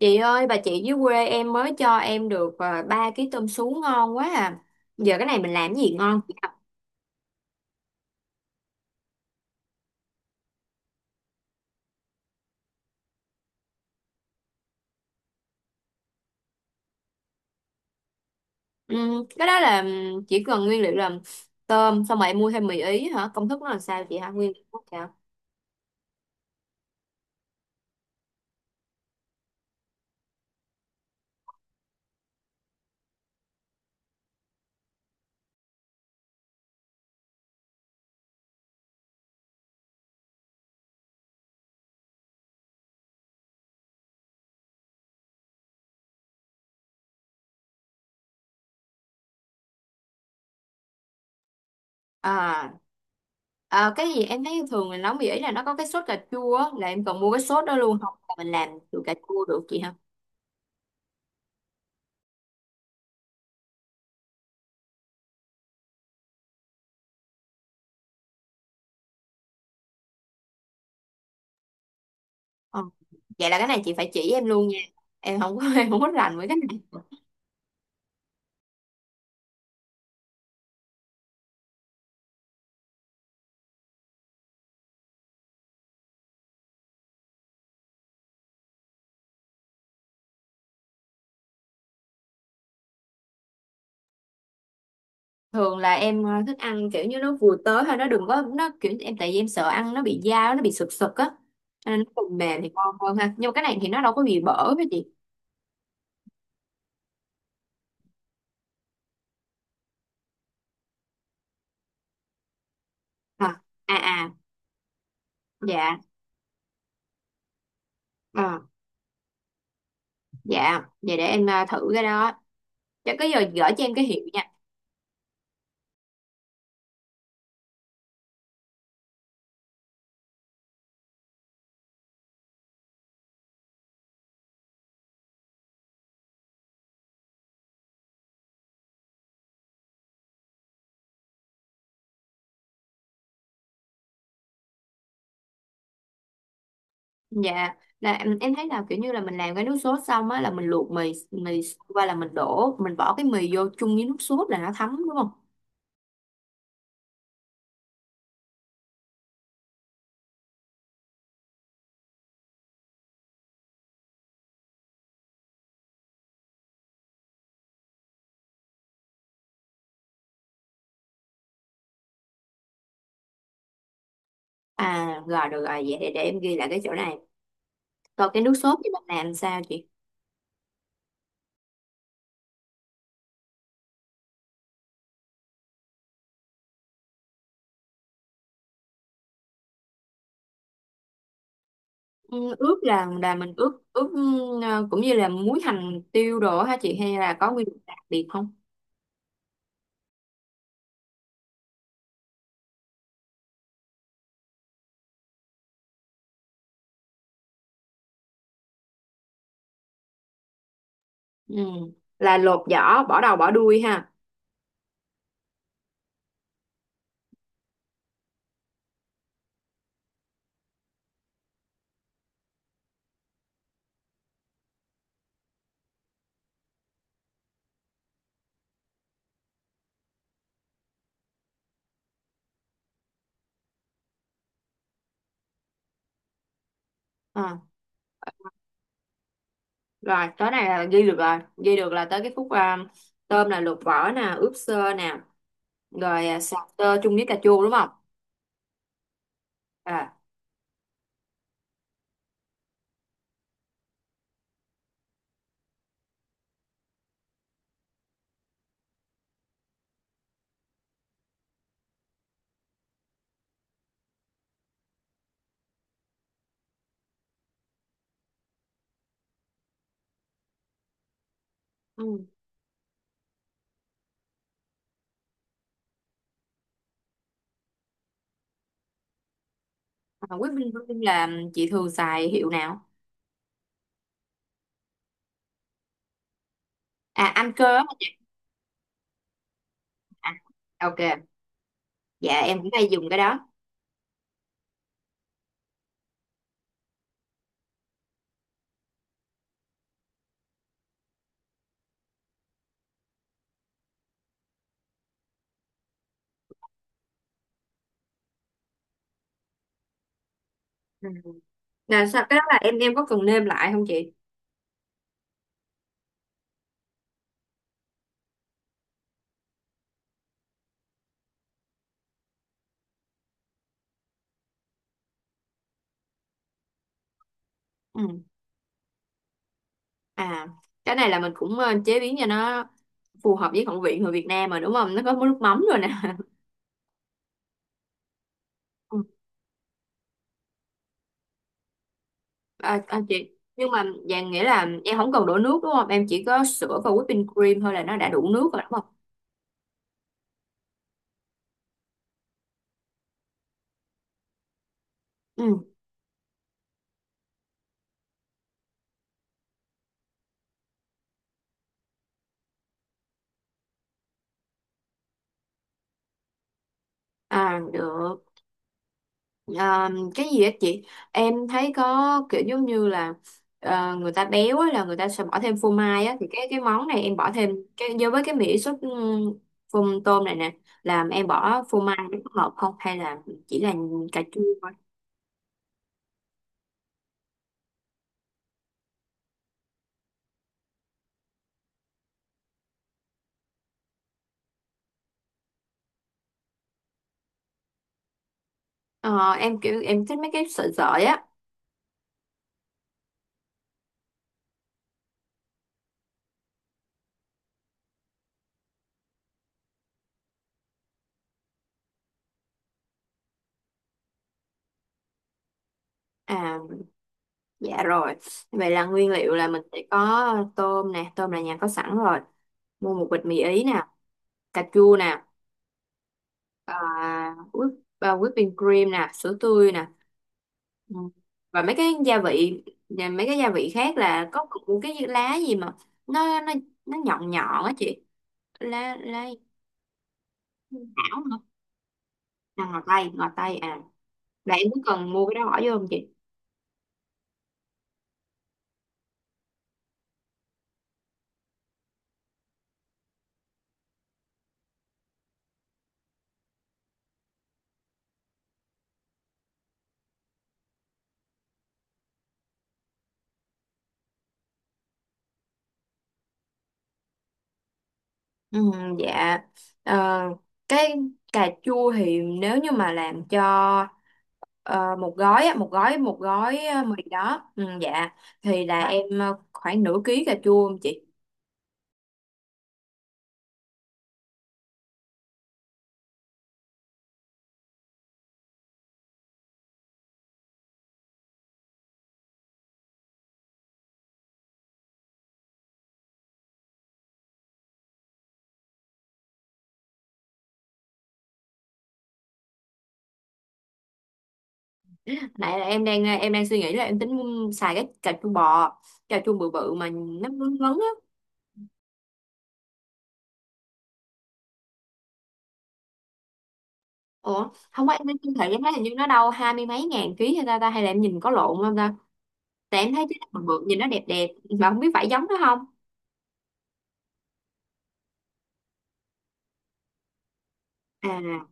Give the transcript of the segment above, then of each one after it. Chị ơi, bà chị dưới quê em mới cho em được 3 ký tôm sú ngon quá à. Giờ cái này mình làm cái gì ngon chị ạ? Cái đó là chỉ cần nguyên liệu là tôm, xong rồi em mua thêm mì ý hả? Công thức nó là sao chị hả? Nguyên liệu nó sao? À, à, cái gì, em thấy thường mình nấu mì ý là nó có cái sốt cà chua á, là em cần mua cái sốt đó luôn không? Là mình làm từ cà chua được chị hả? Ờ, vậy là cái này chị phải chỉ em luôn nha. Em không có em không có rành với cái này. Thường là em thích ăn kiểu như nó vừa tới thôi, nó đừng có, nó kiểu em tại vì em sợ ăn nó bị dao, nó bị sực sực á. Cho nên nó còn mềm thì ngon hơn ha, nhưng mà cái này thì nó đâu có bị bở với chị. À, à, à, dạ, à, dạ vậy để em thử cái đó, cho cái, giờ gửi cho em cái hiệu nha. Dạ, là em thấy là kiểu như là mình làm cái nước sốt xong á, là mình luộc mì mì qua, là mình đổ, mình bỏ cái mì vô chung với nước sốt là nó thấm đúng không? À, rồi được rồi, vậy để em ghi lại cái chỗ này. Còn cái nước sốt thì mình làm sao chị? Ừ, ướp là mình ướp ướp. Cũng như là muối, hành, tiêu, đồ hả chị, hay là có nguyên liệu đặc biệt không? Ừ. Là lột vỏ, bỏ đầu, bỏ đuôi ha? Ờ, rồi tới này là ghi được rồi, ghi được là tới cái khúc tôm là lột vỏ nè, ướp sơ nè, rồi xào tơ chung với cà chua đúng không? À, ừ. À, Quyết Minh Vương là chị thường xài hiệu nào? À, anh cơ á. À, ok, dạ em cũng hay dùng cái đó. Ừ. Là sao, cái đó là em, có cần nêm lại không chị? Ừ. À, cái này là mình cũng chế biến cho nó phù hợp với khẩu vị người Việt Nam mà đúng không? Nó có món nước mắm rồi nè. Ừ. À, à, chị, nhưng mà dạng nghĩa là em không cần đổ nước đúng không? Em chỉ có sữa và whipping cream thôi là nó đã đủ nước rồi đúng không? Ừ. À được. À, cái gì á chị? Em thấy có kiểu giống như là người ta béo á, là người ta sẽ bỏ thêm phô mai á, thì cái món này em bỏ thêm cái do với cái mỹ sốt, phô tôm này nè, làm em bỏ phô mai nó có hợp không, hay là chỉ là cà chua? Ờ, em kiểu em thích mấy cái sợi sợi á. À, dạ rồi. Vậy là nguyên liệu là mình sẽ có tôm nè, tôm là nhà có sẵn rồi, mua một bịch mì ý nè, cà chua nè, à, whip, whipping cream nè, sữa tươi nè. Ừ. Và mấy cái gia vị, và mấy cái gia vị khác là có một cái lá gì mà nó nó nó nhọn nhọn á chị, lá lá thảo hả? À, ngò tây à, là em cũng cần mua cái đó bỏ vô không chị? Ừ, dạ. Ờ, cái cà chua thì nếu như mà làm cho ờ, một gói á, một gói mì đó, ừ, dạ, thì là em khoảng nửa ký cà chua không chị? Nãy là em đang suy nghĩ là em tính xài cái cà chua bò, cà chua bự bự mà nó ngấn ngấn á. Ủa, không có, em thấy siêu thị, em thấy hình như nó đâu hai mươi mấy ngàn ký, hay ta ta hay là em nhìn có lộn không ta? Tại em thấy cái bự bự nhìn nó đẹp đẹp, mà không biết phải giống nó không. À.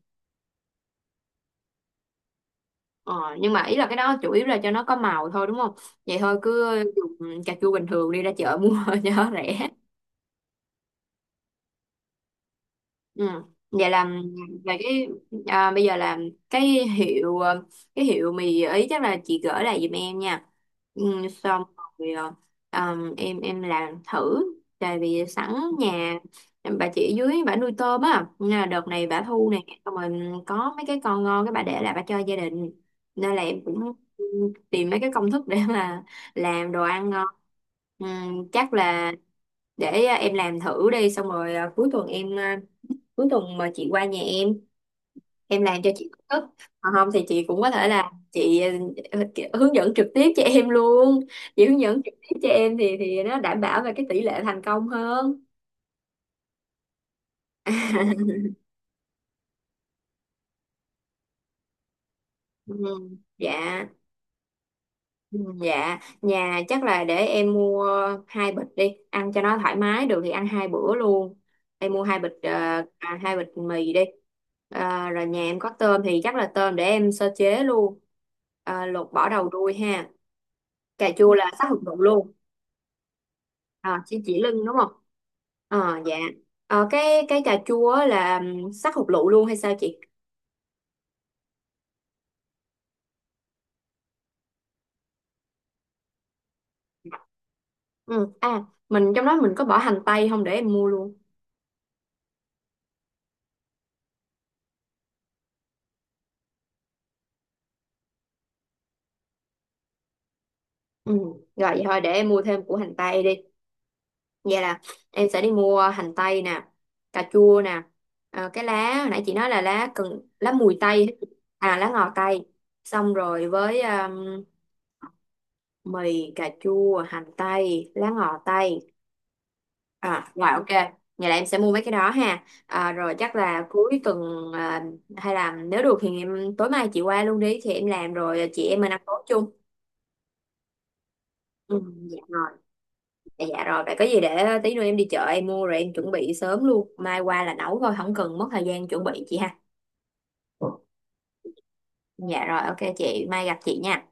Ờ, nhưng mà ý là cái đó chủ yếu là cho nó có màu thôi đúng không? Vậy thôi cứ dùng cà chua bình thường đi, ra chợ mua cho nó rẻ. Ừ. Vậy là về cái, bây giờ là cái hiệu, cái hiệu mì ý chắc là chị gửi lại giùm em nha, ừ, xong rồi em làm thử, tại vì sẵn nhà bà chị dưới, bà nuôi tôm á nên là đợt này bà thu nè, xong rồi có mấy cái con ngon cái bà để lại, bà cho gia đình, nên là em cũng tìm mấy cái công thức để mà làm đồ ăn ngon. Ừ, chắc là để em làm thử đi, xong rồi cuối tuần em, cuối tuần mà chị qua nhà em làm cho chị cất. Còn không thì chị cũng có thể là chị kiểu hướng dẫn trực tiếp cho em luôn, chị hướng dẫn trực tiếp cho em thì nó đảm bảo về cái tỷ lệ thành công hơn. Ừ, dạ. Ừ, dạ nhà chắc là để em mua 2 bịch đi ăn cho nó thoải mái, được thì ăn 2 bữa luôn, em mua hai bịch mì đi. Ờ, rồi nhà em có tôm thì chắc là tôm để em sơ chế luôn. Ờ, lột bỏ đầu đuôi ha, cà chua là sát hợp dụng luôn. À, chỉ lưng đúng không? Ờ dạ. Ờ, cái cà chua á là sát hột lựu luôn hay sao chị? Ừ à, mình trong đó mình có bỏ hành tây không, để em mua luôn? Ừ, rồi vậy thôi để em mua thêm củ hành tây đi. Vậy là em sẽ đi mua hành tây nè, cà chua nè, cái lá hồi nãy chị nói là lá cần, lá mùi tây. À, lá ngò tây. Xong rồi với mì, cà chua, hành tây, lá ngò tây. À, rồi ok. Vậy là em sẽ mua mấy cái đó ha. À, rồi chắc là cuối tuần, à, hay là nếu được thì em, tối mai chị qua luôn đi thì em làm, rồi chị em mình ăn tối chung. Ừ, dạ rồi. Dạ, dạ rồi. Vậy có gì để tí nữa em đi chợ em mua rồi em chuẩn bị sớm luôn. Mai qua là nấu thôi, không cần mất thời gian chuẩn bị chị ha. Dạ rồi, ok chị. Mai gặp chị nha.